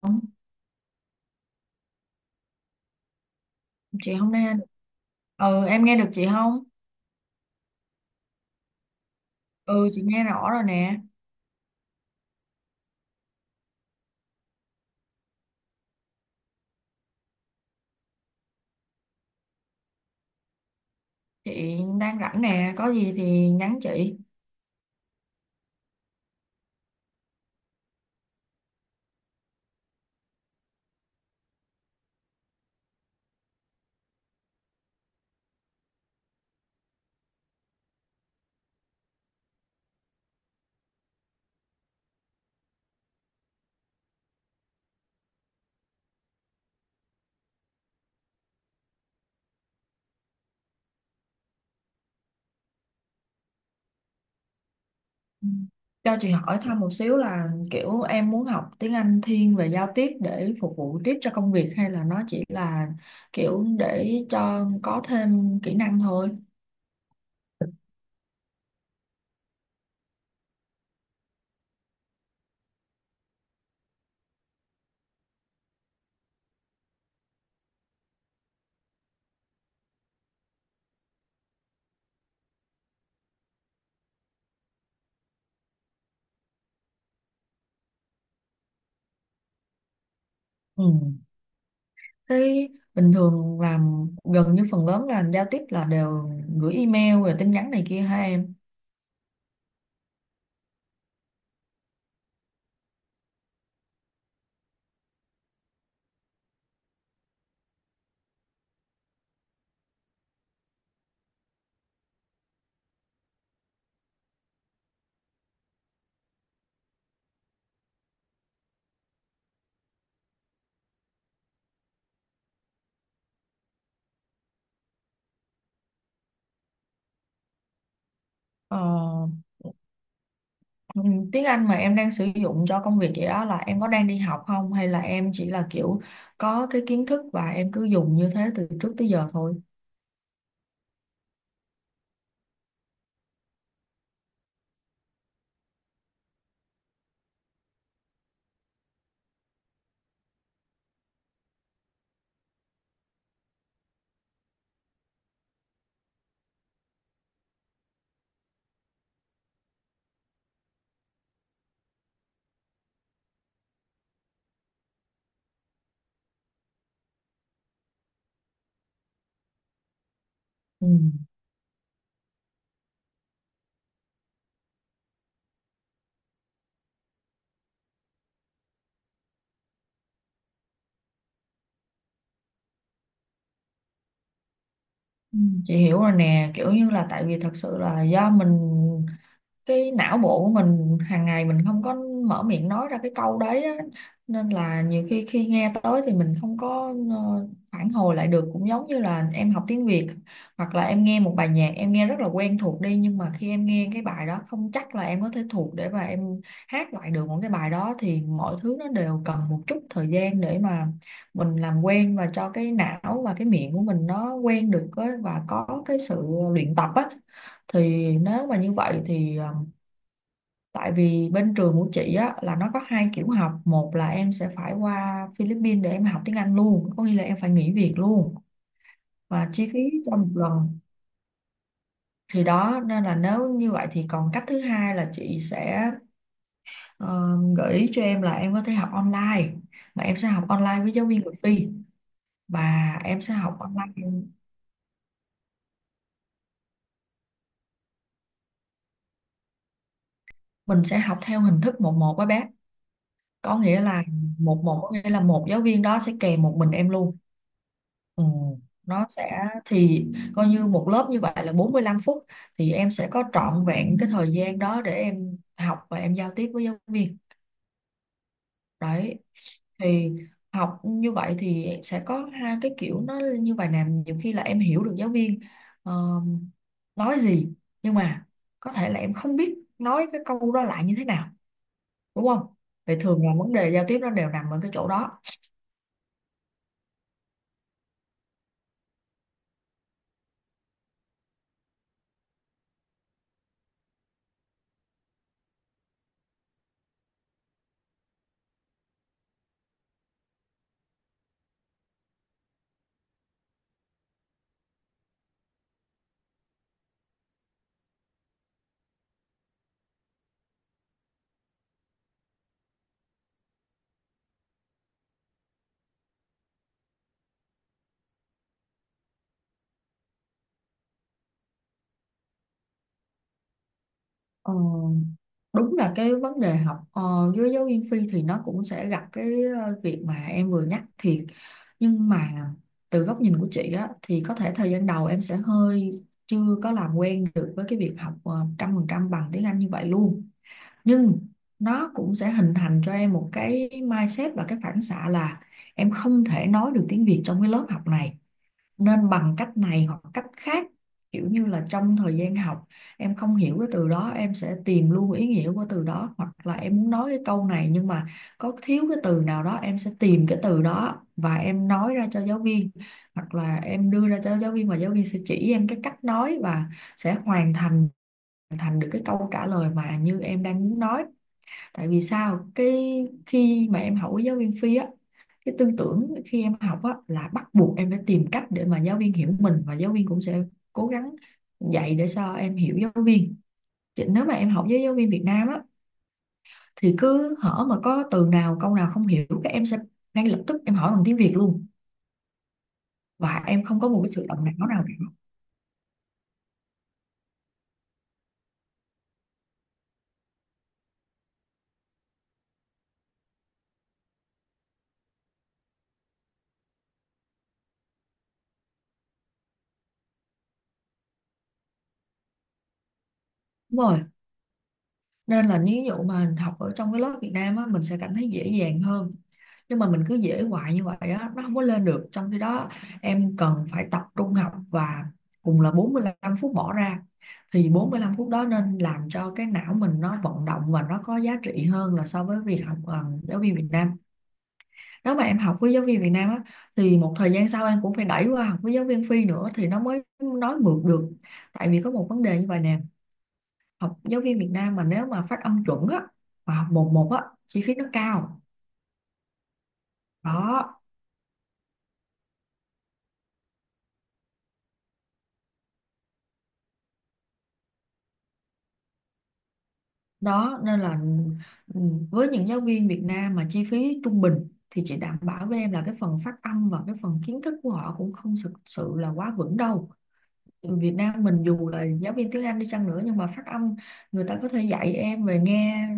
Không, chị không nghe. Ừ, em nghe được chị không? Ừ, chị nghe rõ rồi nè. Chị đang rảnh nè, có gì thì nhắn chị. Ừ. Cho chị hỏi thăm một xíu là kiểu em muốn học tiếng Anh thiên về giao tiếp để phục vụ tiếp cho công việc, hay là nó chỉ là kiểu để cho có thêm kỹ năng thôi? Ừ. Thế bình thường làm gần như phần lớn là giao tiếp là đều gửi email rồi tin nhắn này kia hả em? ờ Ừ, tiếng Anh mà em đang sử dụng cho công việc vậy đó là em có đang đi học không, hay là em chỉ là kiểu có cái kiến thức và em cứ dùng như thế từ trước tới giờ thôi? Ừ. Ừ. Chị hiểu rồi nè, kiểu như là tại vì thật sự là do mình, cái não bộ của mình hàng ngày mình không có mở miệng nói ra cái câu đấy á. Nên là nhiều khi khi nghe tới thì mình không có phản hồi lại được, cũng giống như là em học tiếng Việt, hoặc là em nghe một bài nhạc em nghe rất là quen thuộc đi, nhưng mà khi em nghe cái bài đó không chắc là em có thể thuộc để mà em hát lại được một cái bài đó. Thì mọi thứ nó đều cần một chút thời gian để mà mình làm quen và cho cái não và cái miệng của mình nó quen được á, và có cái sự luyện tập á. Thì nếu mà như vậy thì tại vì bên trường của chị á, là nó có hai kiểu học. Một là em sẽ phải qua Philippines để em học tiếng Anh luôn. Có nghĩa là em phải nghỉ việc luôn. Và chi phí cho một lần. Thì đó, nên là nếu như vậy thì còn cách thứ hai là chị sẽ ờ, gợi ý cho em là em có thể học online. Mà em sẽ học online với giáo viên người Phi. Và em sẽ học online, mình sẽ học theo hình thức một một với bé. Có nghĩa là một một, có nghĩa là một giáo viên đó sẽ kèm một mình em luôn. Ừ, nó sẽ thì coi như một lớp như vậy là 45 phút, thì em sẽ có trọn vẹn cái thời gian đó để em học và em giao tiếp với giáo viên đấy. Thì học như vậy thì sẽ có hai cái kiểu nó như vậy nè, nhiều khi là em hiểu được giáo viên ờ, nói gì, nhưng mà có thể là em không biết nói cái câu đó lại như thế nào, đúng không? Thì thường là vấn đề giao tiếp nó đều nằm ở cái chỗ đó. Ờ, đúng là cái vấn đề học với giáo viên phi thì nó cũng sẽ gặp cái việc mà em vừa nhắc thiệt, nhưng mà từ góc nhìn của chị á thì có thể thời gian đầu em sẽ hơi chưa có làm quen được với cái việc học 100% bằng tiếng Anh như vậy luôn. Nhưng nó cũng sẽ hình thành cho em một cái mindset và cái phản xạ là em không thể nói được tiếng Việt trong cái lớp học này, nên bằng cách này hoặc cách khác, kiểu như là trong thời gian học em không hiểu cái từ đó em sẽ tìm luôn ý nghĩa của từ đó, hoặc là em muốn nói cái câu này nhưng mà có thiếu cái từ nào đó em sẽ tìm cái từ đó và em nói ra cho giáo viên, hoặc là em đưa ra cho giáo viên và giáo viên sẽ chỉ em cái cách nói, và sẽ hoàn thành được cái câu trả lời mà như em đang muốn nói. Tại vì sao cái khi mà em học với giáo viên phi á, cái tư tưởng khi em học á là bắt buộc em phải tìm cách để mà giáo viên hiểu mình, và giáo viên cũng sẽ cố gắng dạy để sao em hiểu giáo viên. Chứ nếu mà em học với giáo viên Việt Nam á thì cứ hở mà có từ nào câu nào không hiểu các em sẽ ngay lập tức em hỏi bằng tiếng Việt luôn, và em không có một cái sự động não nào cả. Đúng rồi, nên là nếu dụ mà học ở trong cái lớp Việt Nam á mình sẽ cảm thấy dễ dàng hơn, nhưng mà mình cứ dễ hoài như vậy á nó không có lên được. Trong khi đó em cần phải tập trung học, và cùng là 45 phút bỏ ra thì 45 phút đó nên làm cho cái não mình nó vận động và nó có giá trị hơn là so với việc học giáo viên Việt Nam. Nếu mà em học với giáo viên Việt Nam á thì một thời gian sau em cũng phải đẩy qua học với giáo viên Phi nữa thì nó mới nói mượt được. Tại vì có một vấn đề như vậy nè, học giáo viên Việt Nam mà nếu mà phát âm chuẩn á và học một một á chi phí nó cao. Đó đó, nên là ừ, với những giáo viên Việt Nam mà chi phí trung bình thì chị đảm bảo với em là cái phần phát âm và cái phần kiến thức của họ cũng không thực sự là quá vững đâu. Việt Nam mình dù là giáo viên tiếng Anh đi chăng nữa, nhưng mà phát âm, người ta có thể dạy em về nghe,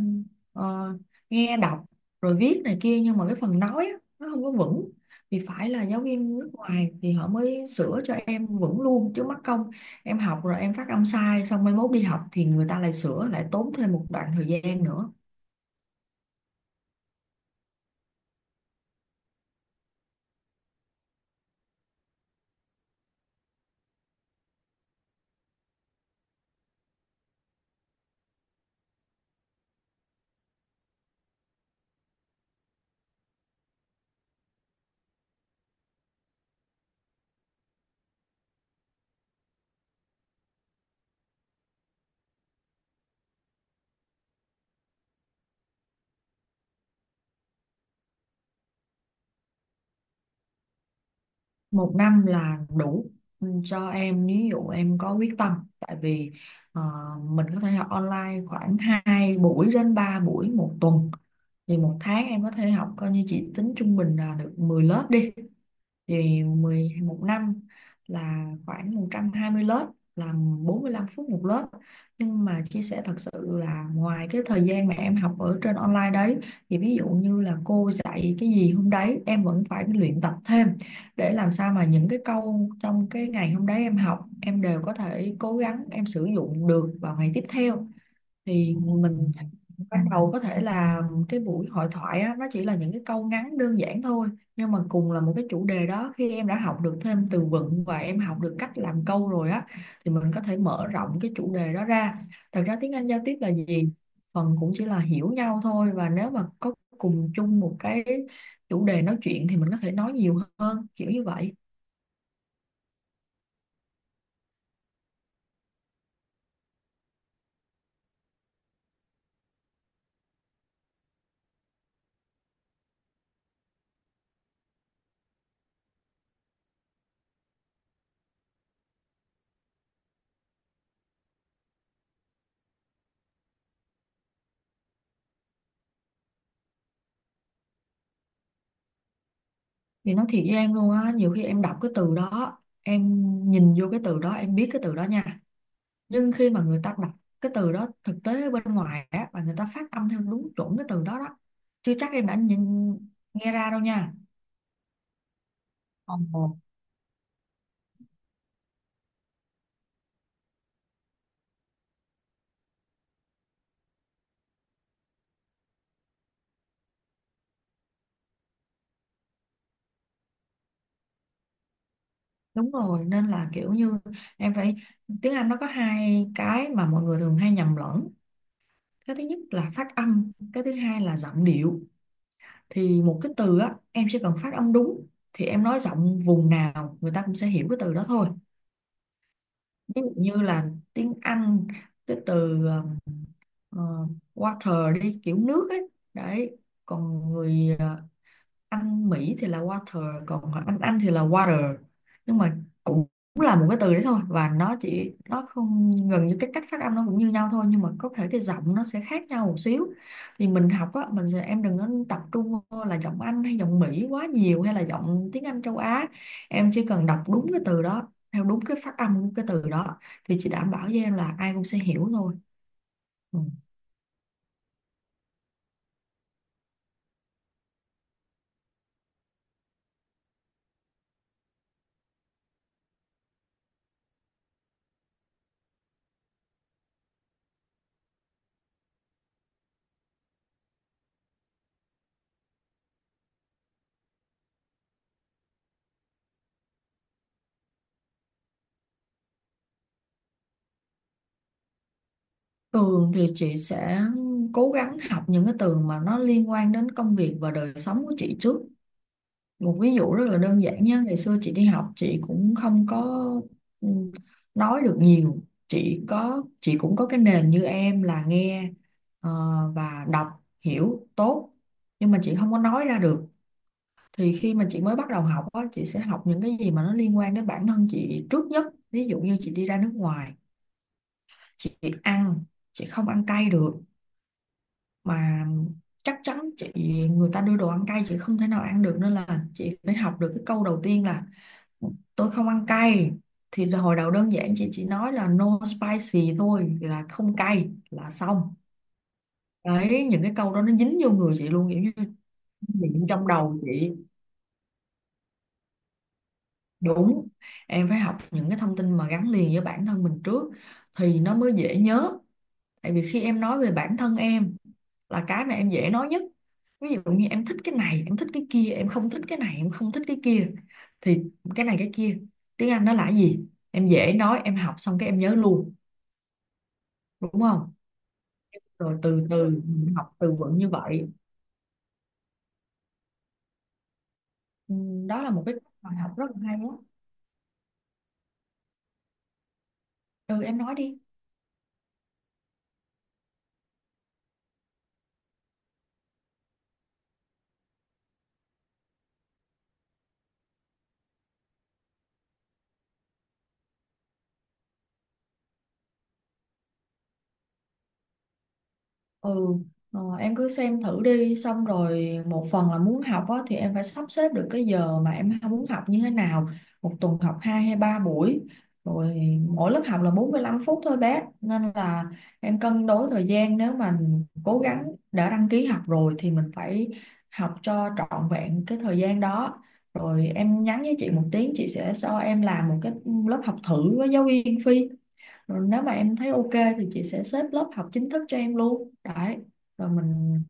ờ, nghe đọc rồi viết này kia, nhưng mà cái phần nói á, nó không có vững. Thì phải là giáo viên nước ngoài thì họ mới sửa cho em vững luôn, chứ mắc công em học rồi em phát âm sai xong mai mốt đi học thì người ta lại sửa lại, tốn thêm một đoạn thời gian nữa. Một năm là đủ. Cho em ví dụ em có quyết tâm, tại vì ờ, mình có thể học online khoảng 2 buổi đến 3 buổi một tuần, thì một tháng em có thể học, coi như chị tính trung bình là được 10 lớp đi, thì một năm là khoảng 120 lớp, là 45 phút một lớp. Nhưng mà chia sẻ thật sự là ngoài cái thời gian mà em học ở trên online đấy, thì ví dụ như là cô dạy cái gì hôm đấy em vẫn phải luyện tập thêm, để làm sao mà những cái câu trong cái ngày hôm đấy em học em đều có thể cố gắng em sử dụng được vào ngày tiếp theo. Thì mình ban đầu có thể là cái buổi hội thoại á, nó chỉ là những cái câu ngắn đơn giản thôi, nhưng mà cùng là một cái chủ đề đó khi em đã học được thêm từ vựng và em học được cách làm câu rồi á thì mình có thể mở rộng cái chủ đề đó ra. Thật ra tiếng Anh giao tiếp là gì, phần cũng chỉ là hiểu nhau thôi, và nếu mà có cùng chung một cái chủ đề nói chuyện thì mình có thể nói nhiều hơn, kiểu như vậy. Thì nói thiệt với em luôn á, nhiều khi em đọc cái từ đó, em nhìn vô cái từ đó em biết cái từ đó nha, nhưng khi mà người ta đọc cái từ đó thực tế ở bên ngoài á, và người ta phát âm theo đúng chuẩn cái từ đó đó, chưa chắc em đã nhìn nghe ra đâu nha. Ồ. Đúng rồi, nên là kiểu như em phải, tiếng Anh nó có hai cái mà mọi người thường hay nhầm lẫn: cái thứ nhất là phát âm, cái thứ hai là giọng điệu. Thì một cái từ á em chỉ cần phát âm đúng thì em nói giọng vùng nào người ta cũng sẽ hiểu cái từ đó thôi. Ví dụ như là tiếng Anh cái từ ờ, water đi, kiểu nước ấy đấy, còn người anh Mỹ thì là water, còn anh thì là water, nhưng mà cũng là một cái từ đấy thôi, và nó không, gần như cái cách phát âm nó cũng như nhau thôi, nhưng mà có thể cái giọng nó sẽ khác nhau một xíu. Thì mình học á, mình sẽ em đừng nên tập trung vô là giọng Anh hay giọng Mỹ quá nhiều, hay là giọng tiếng Anh châu Á, em chỉ cần đọc đúng cái từ đó theo đúng cái phát âm của cái từ đó, thì chị đảm bảo với em là ai cũng sẽ hiểu thôi. Ừ. Tường thì chị sẽ cố gắng học những cái từ mà nó liên quan đến công việc và đời sống của chị trước. Một ví dụ rất là đơn giản nhé, ngày xưa chị đi học chị cũng không có ừ, nói được nhiều. Chị cũng có cái nền như em là nghe ờ, và đọc hiểu tốt nhưng mà chị không có nói ra được. Thì khi mà chị mới bắt đầu học á, chị sẽ học những cái gì mà nó liên quan đến bản thân chị trước nhất. Ví dụ như chị đi ra nước ngoài, chị ăn, chị không ăn cay được mà chắc chắn chị người ta đưa đồ ăn cay chị không thể nào ăn được nên là chị phải học được cái câu đầu tiên là tôi không ăn cay. Thì hồi đầu đơn giản chị chỉ nói là no spicy thôi, là không cay là xong. Đấy, những cái câu đó nó dính vô người chị luôn, kiểu như niệm trong đầu chị. Đúng, em phải học những cái thông tin mà gắn liền với bản thân mình trước thì nó mới dễ nhớ. Tại vì khi em nói về bản thân em là cái mà em dễ nói nhất. Ví dụ như em thích cái này, em thích cái kia, em không thích cái này, em không thích cái kia, thì cái này cái kia tiếng Anh nó là cái gì, em dễ nói, em học xong cái em nhớ luôn, đúng không? Rồi từ từ mình học từ vựng như vậy. Ừ, Đó là một cái cách mà học rất là hay đó. Ừ em nói đi. Ừ, em cứ xem thử đi, xong rồi một phần là muốn học á, thì em phải sắp xếp được cái giờ mà em muốn học như thế nào. Một tuần học 2 hay 3 buổi, rồi mỗi lớp học là 45 phút thôi bé, nên là em cân đối thời gian. Nếu mà cố gắng đã đăng ký học rồi thì mình phải học cho trọn vẹn cái thời gian đó. Rồi em nhắn với chị một tiếng, chị sẽ cho em làm một cái lớp học thử với giáo viên Phi, rồi nếu mà em thấy ok thì chị sẽ xếp lớp học chính thức cho em luôn đấy. Rồi mình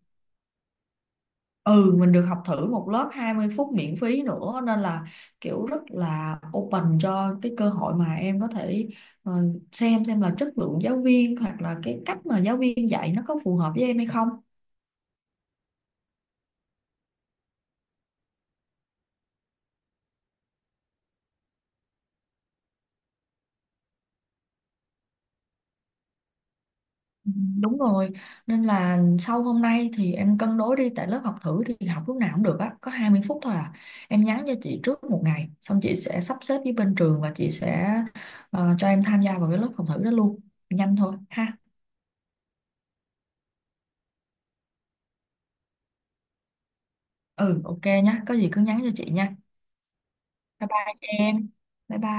ừ mình được học thử một lớp 20 phút miễn phí nữa, nên là kiểu rất là open cho cái cơ hội mà em có thể ờ, xem là chất lượng giáo viên hoặc là cái cách mà giáo viên dạy nó có phù hợp với em hay không. Ừ, Đúng rồi, nên là sau hôm nay thì em cân đối đi, tại lớp học thử thì học lúc nào cũng được á, có 20 phút thôi à. Em nhắn cho chị trước một ngày, xong chị sẽ sắp xếp với bên trường và chị sẽ cho em tham gia vào cái lớp học thử đó luôn. Nhanh thôi ha. Ừ, ok nhá, có gì cứ nhắn cho chị nha. Bye bye em. Bye bye.